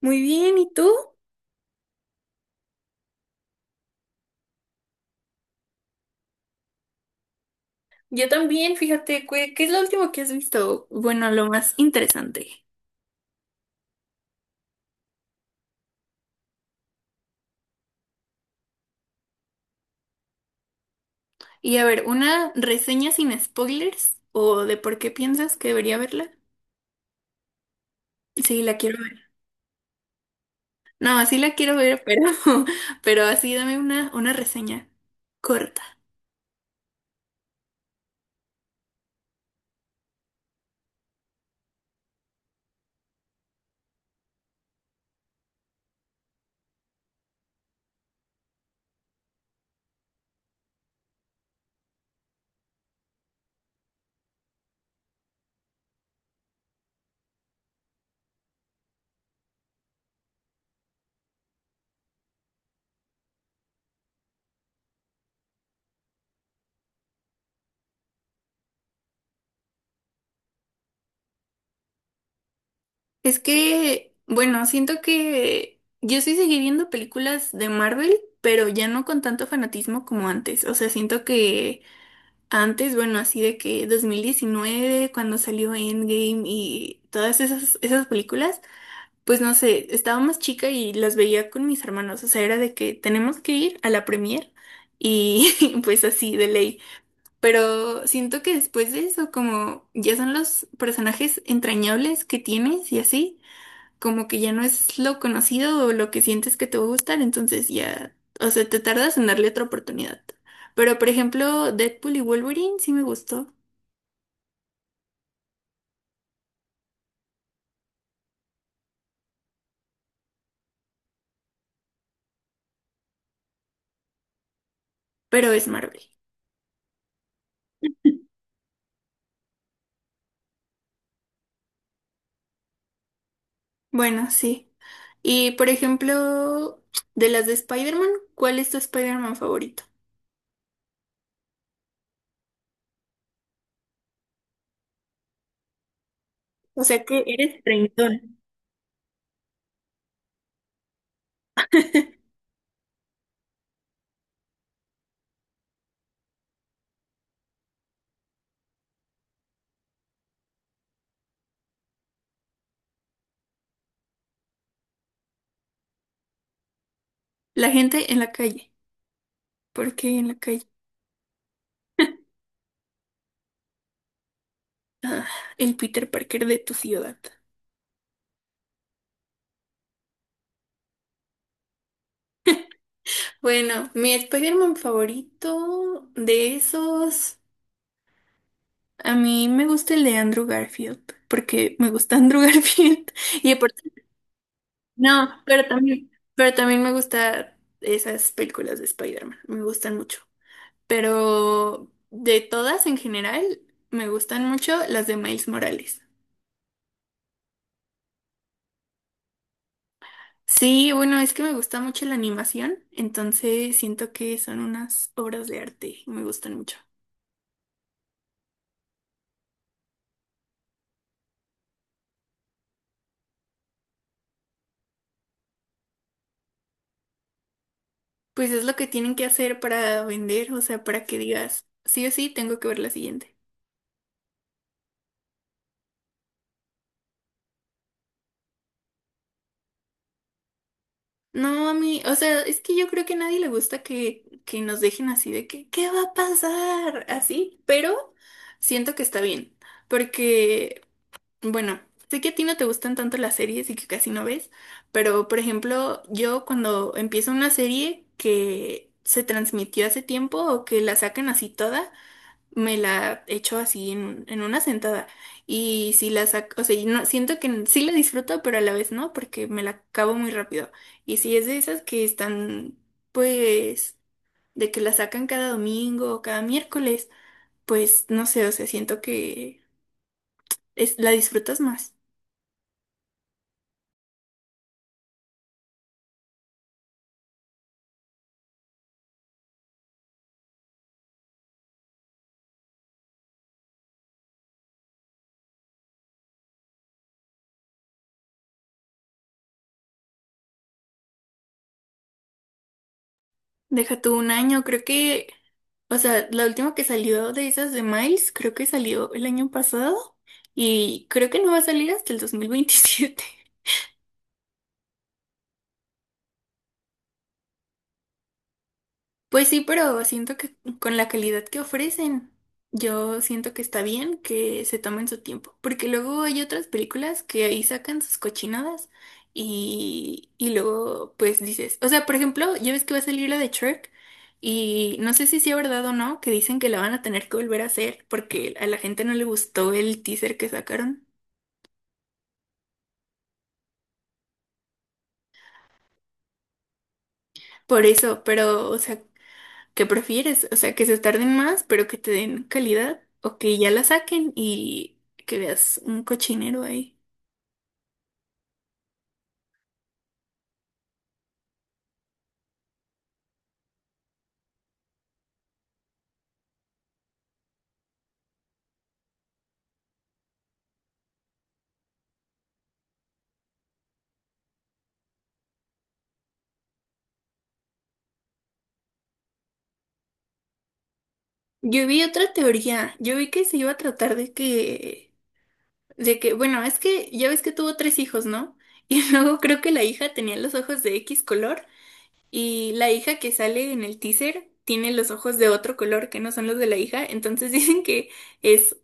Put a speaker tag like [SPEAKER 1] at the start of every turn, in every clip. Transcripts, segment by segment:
[SPEAKER 1] Muy bien, ¿y tú? Yo también, fíjate, ¿qué es lo último que has visto? Bueno, lo más interesante. Y a ver, ¿una reseña sin spoilers? ¿O de por qué piensas que debería verla? Sí, la quiero ver. No, sí la quiero ver, pero, pero así dame una reseña corta. Es que, bueno, siento que yo sí seguí viendo películas de Marvel, pero ya no con tanto fanatismo como antes. O sea, siento que... Antes, bueno, así de que 2019, cuando salió Endgame y todas esas películas, pues no sé, estaba más chica y las veía con mis hermanos. O sea, era de que tenemos que ir a la premier y pues así de ley. Pero siento que después de eso, como ya son los personajes entrañables que tienes y así como que ya no es lo conocido o lo que sientes que te va a gustar, entonces ya, o sea, te tardas en darle otra oportunidad. Pero por ejemplo, Deadpool y Wolverine sí me gustó, pero es Marvel. Bueno, sí. Y por ejemplo, de las de Spider-Man, ¿cuál es tu Spider-Man favorito? O sea que eres treintón. La gente en la calle. ¿Por qué en la calle? El Peter Parker de tu ciudad. Bueno, mi Spider-Man favorito de esos. A mí me gusta el de Andrew Garfield, porque me gusta Andrew Garfield. Y aparte, no, pero también me gusta esas películas de Spider-Man, me gustan mucho. Pero de todas en general, me gustan mucho las de Miles Morales. Sí, bueno, es que me gusta mucho la animación, entonces siento que son unas obras de arte y me gustan mucho. Pues es lo que tienen que hacer para vender, o sea, para que digas, sí o sí, tengo que ver la siguiente. No, a mí, o sea, es que yo creo que a nadie le gusta que nos dejen así de que, ¿qué va a pasar? Así, pero siento que está bien, porque, bueno, sé que a ti no te gustan tanto las series y que casi no ves, pero, por ejemplo, yo cuando empiezo una serie que se transmitió hace tiempo o que la sacan así toda, me la echo así en, en una sentada. Y si la saco, o sea, y no, siento que sí la disfruto, pero a la vez no, porque me la acabo muy rápido. Y si es de esas que están, pues, de que la sacan cada domingo o cada miércoles, pues no sé, o sea, siento que es, la disfrutas más. Deja tú un año, creo que, o sea, la última que salió de esas de Miles, creo que salió el año pasado. Y creo que no va a salir hasta el 2027. Pues sí, pero siento que con la calidad que ofrecen, yo siento que está bien que se tomen su tiempo, porque luego hay otras películas que ahí sacan sus cochinadas y luego pues dices, o sea, por ejemplo, ya ves que va a salir la de Shrek y no sé si sea verdad o no, que dicen que la van a tener que volver a hacer porque a la gente no le gustó el teaser que sacaron. Por eso, pero, o sea, ¿qué prefieres? O sea, que se tarden más, pero que te den calidad, o que ya la saquen y que veas un cochinero ahí. Yo vi otra teoría, yo vi que se iba a tratar de que, bueno, es que ya ves que tuvo tres hijos, ¿no? Y luego creo que la hija tenía los ojos de X color y la hija que sale en el teaser tiene los ojos de otro color que no son los de la hija, entonces dicen que es.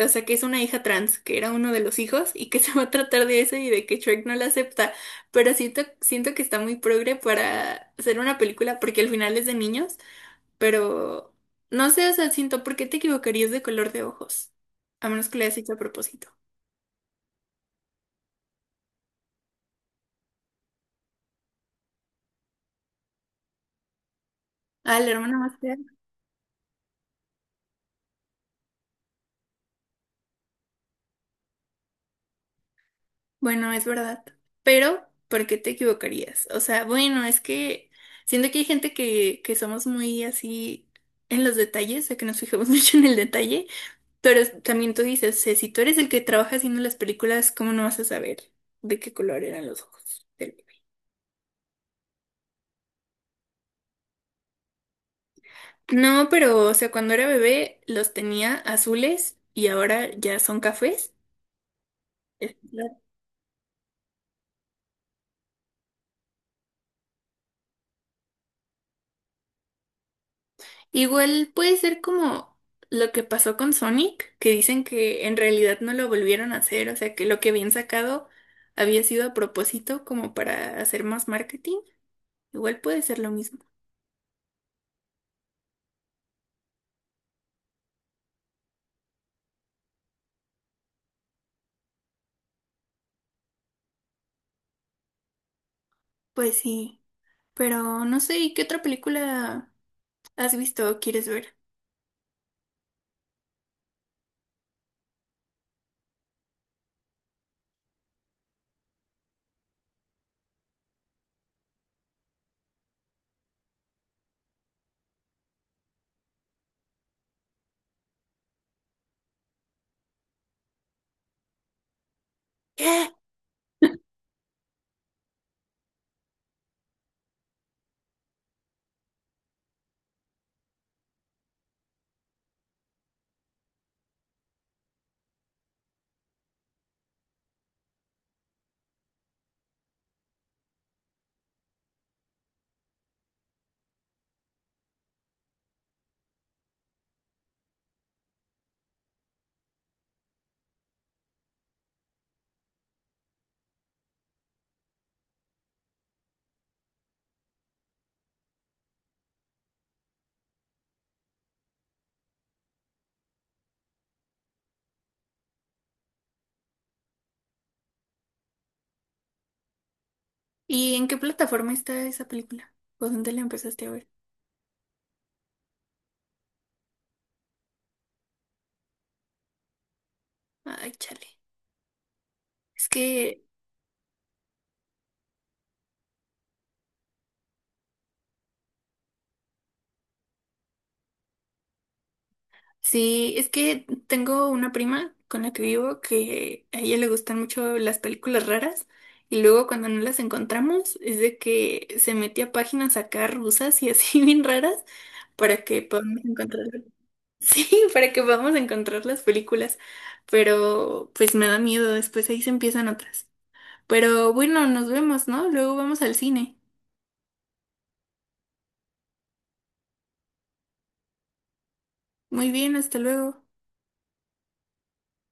[SPEAKER 1] O sea, que es una hija trans, que era uno de los hijos y que se va a tratar de eso y de que Shrek no la acepta. Pero siento que está muy progre para hacer una película porque al final es de niños, pero no sé, o sea, siento, ¿por qué te equivocarías de color de ojos? A menos que lo hayas hecho a propósito. Ah, la hermana más fea. Bueno, es verdad. Pero, ¿por qué te equivocarías? O sea, bueno, es que siento que hay gente que somos muy así en los detalles, o sea, que nos fijamos mucho en el detalle. Pero también tú dices, "Sé, si tú eres el que trabaja haciendo las películas, ¿cómo no vas a saber de qué color eran los ojos del bebé? No, pero, o sea, cuando era bebé los tenía azules y ahora ya son cafés. Es claro. Igual puede ser como lo que pasó con Sonic, que dicen que en realidad no lo volvieron a hacer, o sea, que lo que habían sacado había sido a propósito como para hacer más marketing. Igual puede ser lo mismo. Pues sí, pero no sé, ¿y qué otra película has visto o quieres ver? ¿Qué? ¿Y en qué plataforma está esa película? ¿O dónde la empezaste a ver? Ay, chale. Es que, sí, es que tengo una prima con la que vivo que a ella le gustan mucho las películas raras y luego cuando no las encontramos es de que se mete a páginas acá rusas y así bien raras para que podamos encontrar, sí, para que podamos encontrar las películas, pero pues me da miedo, después ahí se empiezan otras. Pero bueno, nos vemos, ¿no? Luego vamos al cine. Muy bien, hasta luego.